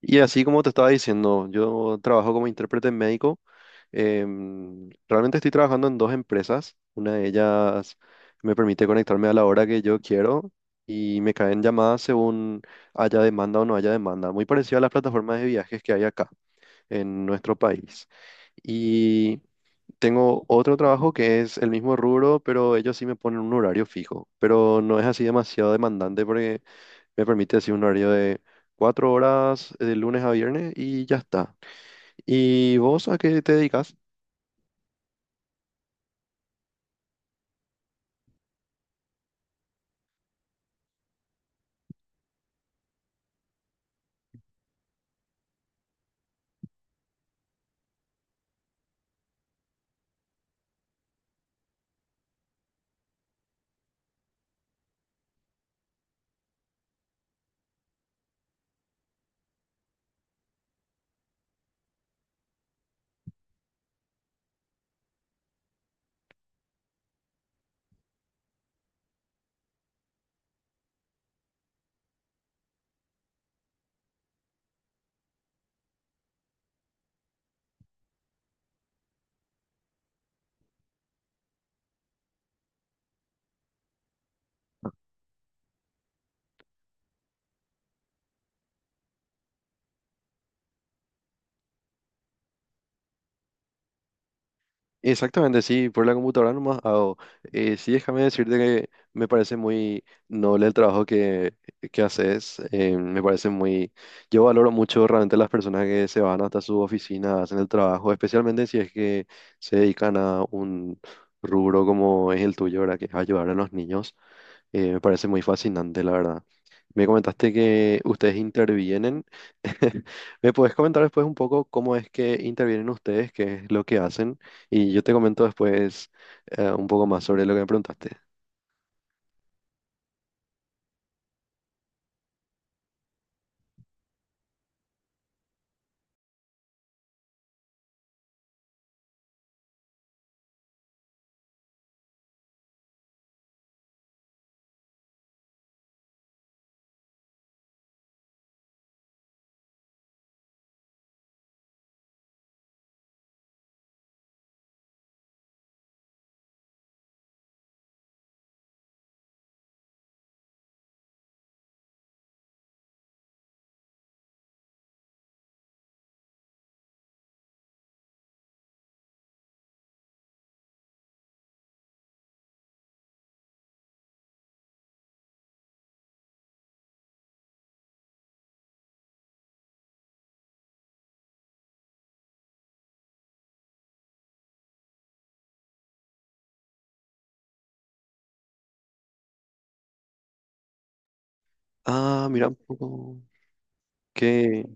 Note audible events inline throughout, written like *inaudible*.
Y así como te estaba diciendo, yo trabajo como intérprete médico. Realmente estoy trabajando en dos empresas. Una de ellas me permite conectarme a la hora que yo quiero y me caen llamadas según haya demanda o no haya demanda. Muy parecido a las plataformas de viajes que hay acá en nuestro país. Y tengo otro trabajo que es el mismo rubro, pero ellos sí me ponen un horario fijo. Pero no es así demasiado demandante porque me permite decir un horario de cuatro horas, de lunes a viernes y ya está. ¿Y vos a qué te dedicas? Exactamente, sí, por la computadora nomás hago. Sí, déjame decirte que me parece muy noble el trabajo que haces. Me parece muy. Yo valoro mucho realmente las personas que se van hasta su oficina, hacen el trabajo, especialmente si es que se dedican a un rubro como es el tuyo, ¿verdad? Que es ayudar a los niños. Me parece muy fascinante, la verdad. Me comentaste que ustedes intervienen. *laughs* ¿Me puedes comentar después un poco cómo es que intervienen ustedes, qué es lo que hacen? Y yo te comento después un poco más sobre lo que me preguntaste. Ah, mira un poco. ¿Qué?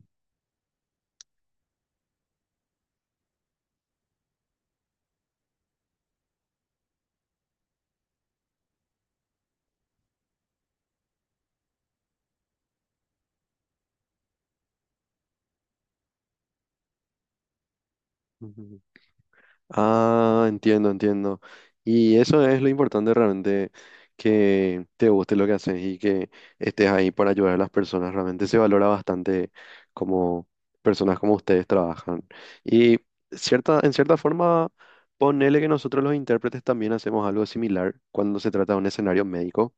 Ah, entiendo, entiendo. Y eso es lo importante realmente, que te guste lo que haces y que estés ahí para ayudar a las personas. Realmente se valora bastante como personas como ustedes trabajan. Y en cierta forma, ponele que nosotros los intérpretes también hacemos algo similar cuando se trata de un escenario médico.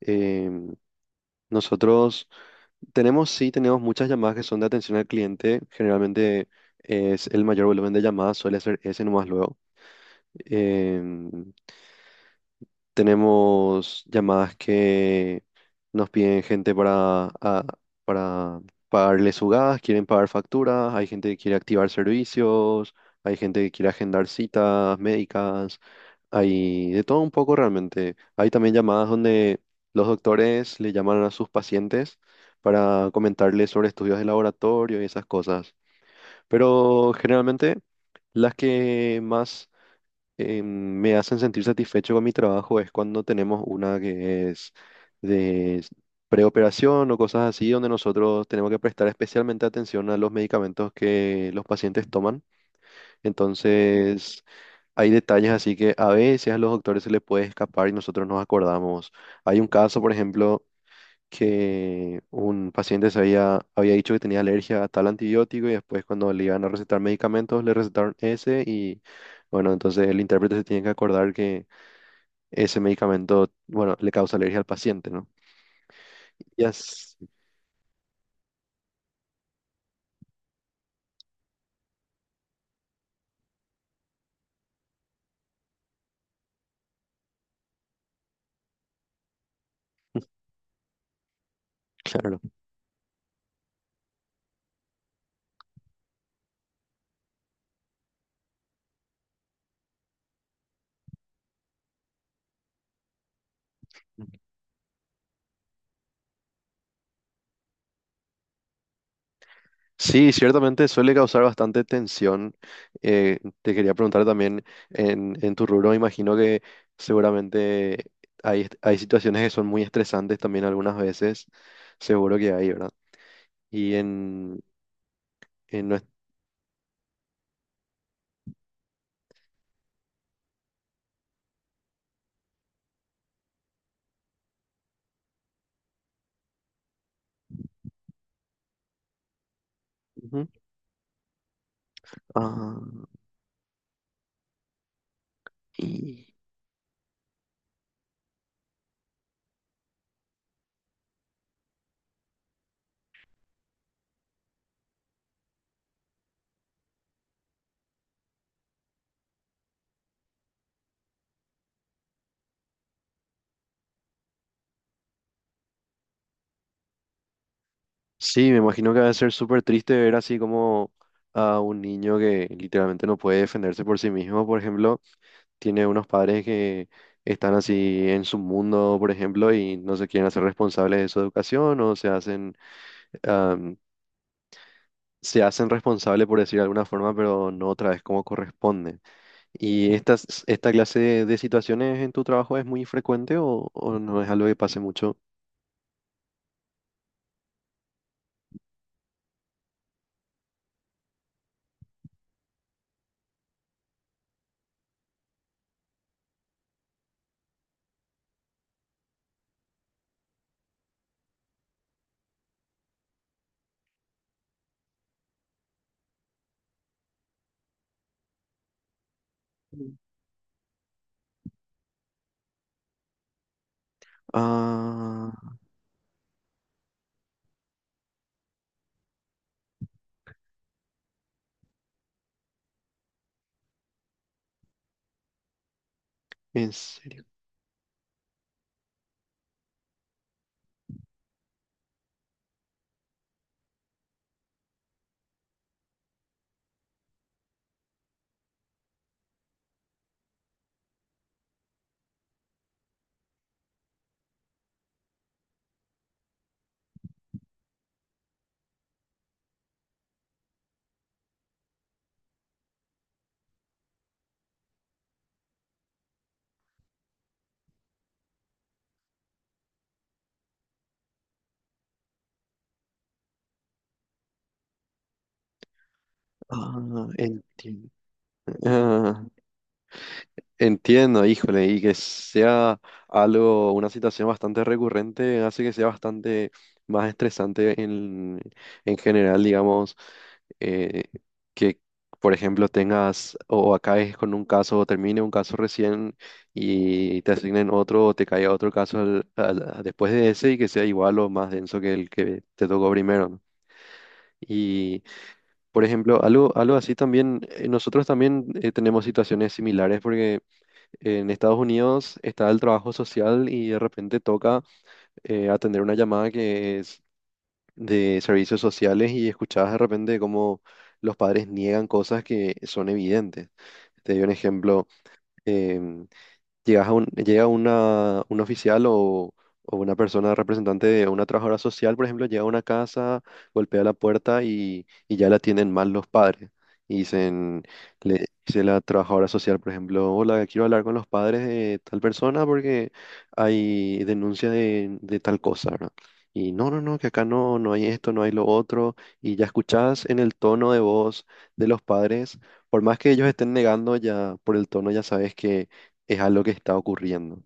Em, Nosotros tenemos, sí, tenemos muchas llamadas que son de atención al cliente. Generalmente es el mayor volumen de llamadas suele ser ese nomás luego. Em, Tenemos llamadas que nos piden gente para pagarle su gas, quieren pagar facturas, hay gente que quiere activar servicios, hay gente que quiere agendar citas médicas, hay de todo un poco realmente. Hay también llamadas donde los doctores le llaman a sus pacientes para comentarles sobre estudios de laboratorio y esas cosas. Pero generalmente, las que más me hacen sentir satisfecho con mi trabajo es cuando tenemos una que es de preoperación o cosas así, donde nosotros tenemos que prestar especialmente atención a los medicamentos que los pacientes toman. Entonces, hay detalles así que a veces a los doctores se les puede escapar y nosotros nos acordamos. Hay un caso, por ejemplo, que un paciente había dicho que tenía alergia a tal antibiótico y después cuando le iban a recetar medicamentos le recetaron ese y bueno, entonces el intérprete se tiene que acordar que ese medicamento, bueno, le causa alergia al paciente, ¿no? Ya, s- claro. Sí, ciertamente suele causar bastante tensión. Te quería preguntar también, en tu rubro, imagino que seguramente hay situaciones que son muy estresantes también algunas veces, seguro que hay, ¿verdad? Y en, no es- Ujú. Ah, y... Sí, me imagino que va a ser súper triste ver así como a un niño que literalmente no puede defenderse por sí mismo, por ejemplo, tiene unos padres que están así en su mundo, por ejemplo, y no se quieren hacer responsables de su educación o se hacen, am, se hacen responsables por decir de alguna forma, pero no otra vez como corresponde. ¿Y esta clase de situaciones en tu trabajo es muy frecuente o no es algo que pase mucho? Mm. Ah, en serio. Ah, entiendo. Ah, entiendo, híjole, y que sea algo, una situación bastante recurrente, hace que sea bastante más estresante en general, digamos, eh, que, por ejemplo, tengas o acabes con un caso, o termine un caso recién y te asignen otro, o te caiga otro caso después de ese y que sea igual o más denso que el que te tocó primero, ¿no? Y por ejemplo, algo, algo así también, nosotros también tenemos situaciones similares porque en Estados Unidos está el trabajo social y de repente toca atender una llamada que es de servicios sociales y escuchás de repente cómo los padres niegan cosas que son evidentes. Te doy un ejemplo. em, Llega un oficial o una persona representante de una trabajadora social, por ejemplo, llega a una casa, golpea la puerta y ya la atienden mal los padres. Y dicen, le dice la trabajadora social, por ejemplo, hola, quiero hablar con los padres de tal persona porque hay denuncia de tal cosa, ¿verdad? Y no, no, no, que acá no, no hay esto, no hay lo otro. Y ya escuchás en el tono de voz de los padres, por más que ellos estén negando, ya por el tono ya sabes que es algo que está ocurriendo.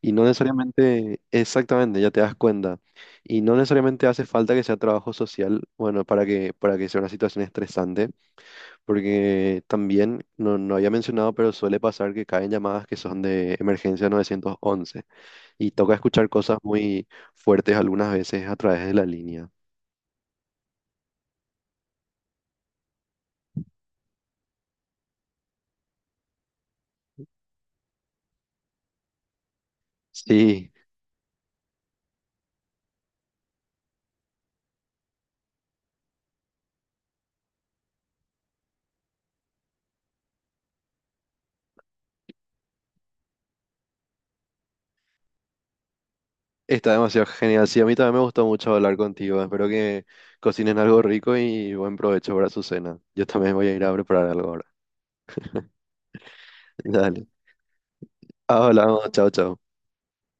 Y no necesariamente, exactamente, ya te das cuenta. Y no necesariamente hace falta que sea trabajo social, bueno, para que sea una situación estresante, porque también, no había mencionado, pero suele pasar que caen llamadas que son de emergencia 911 y toca escuchar cosas muy fuertes algunas veces a través de la línea. Sí, está demasiado genial. Sí, a mí también me gustó mucho hablar contigo. Espero que cocinen algo rico y buen provecho para su cena. Yo también voy a ir a preparar algo ahora. Dale. Hablamos, chao, chao.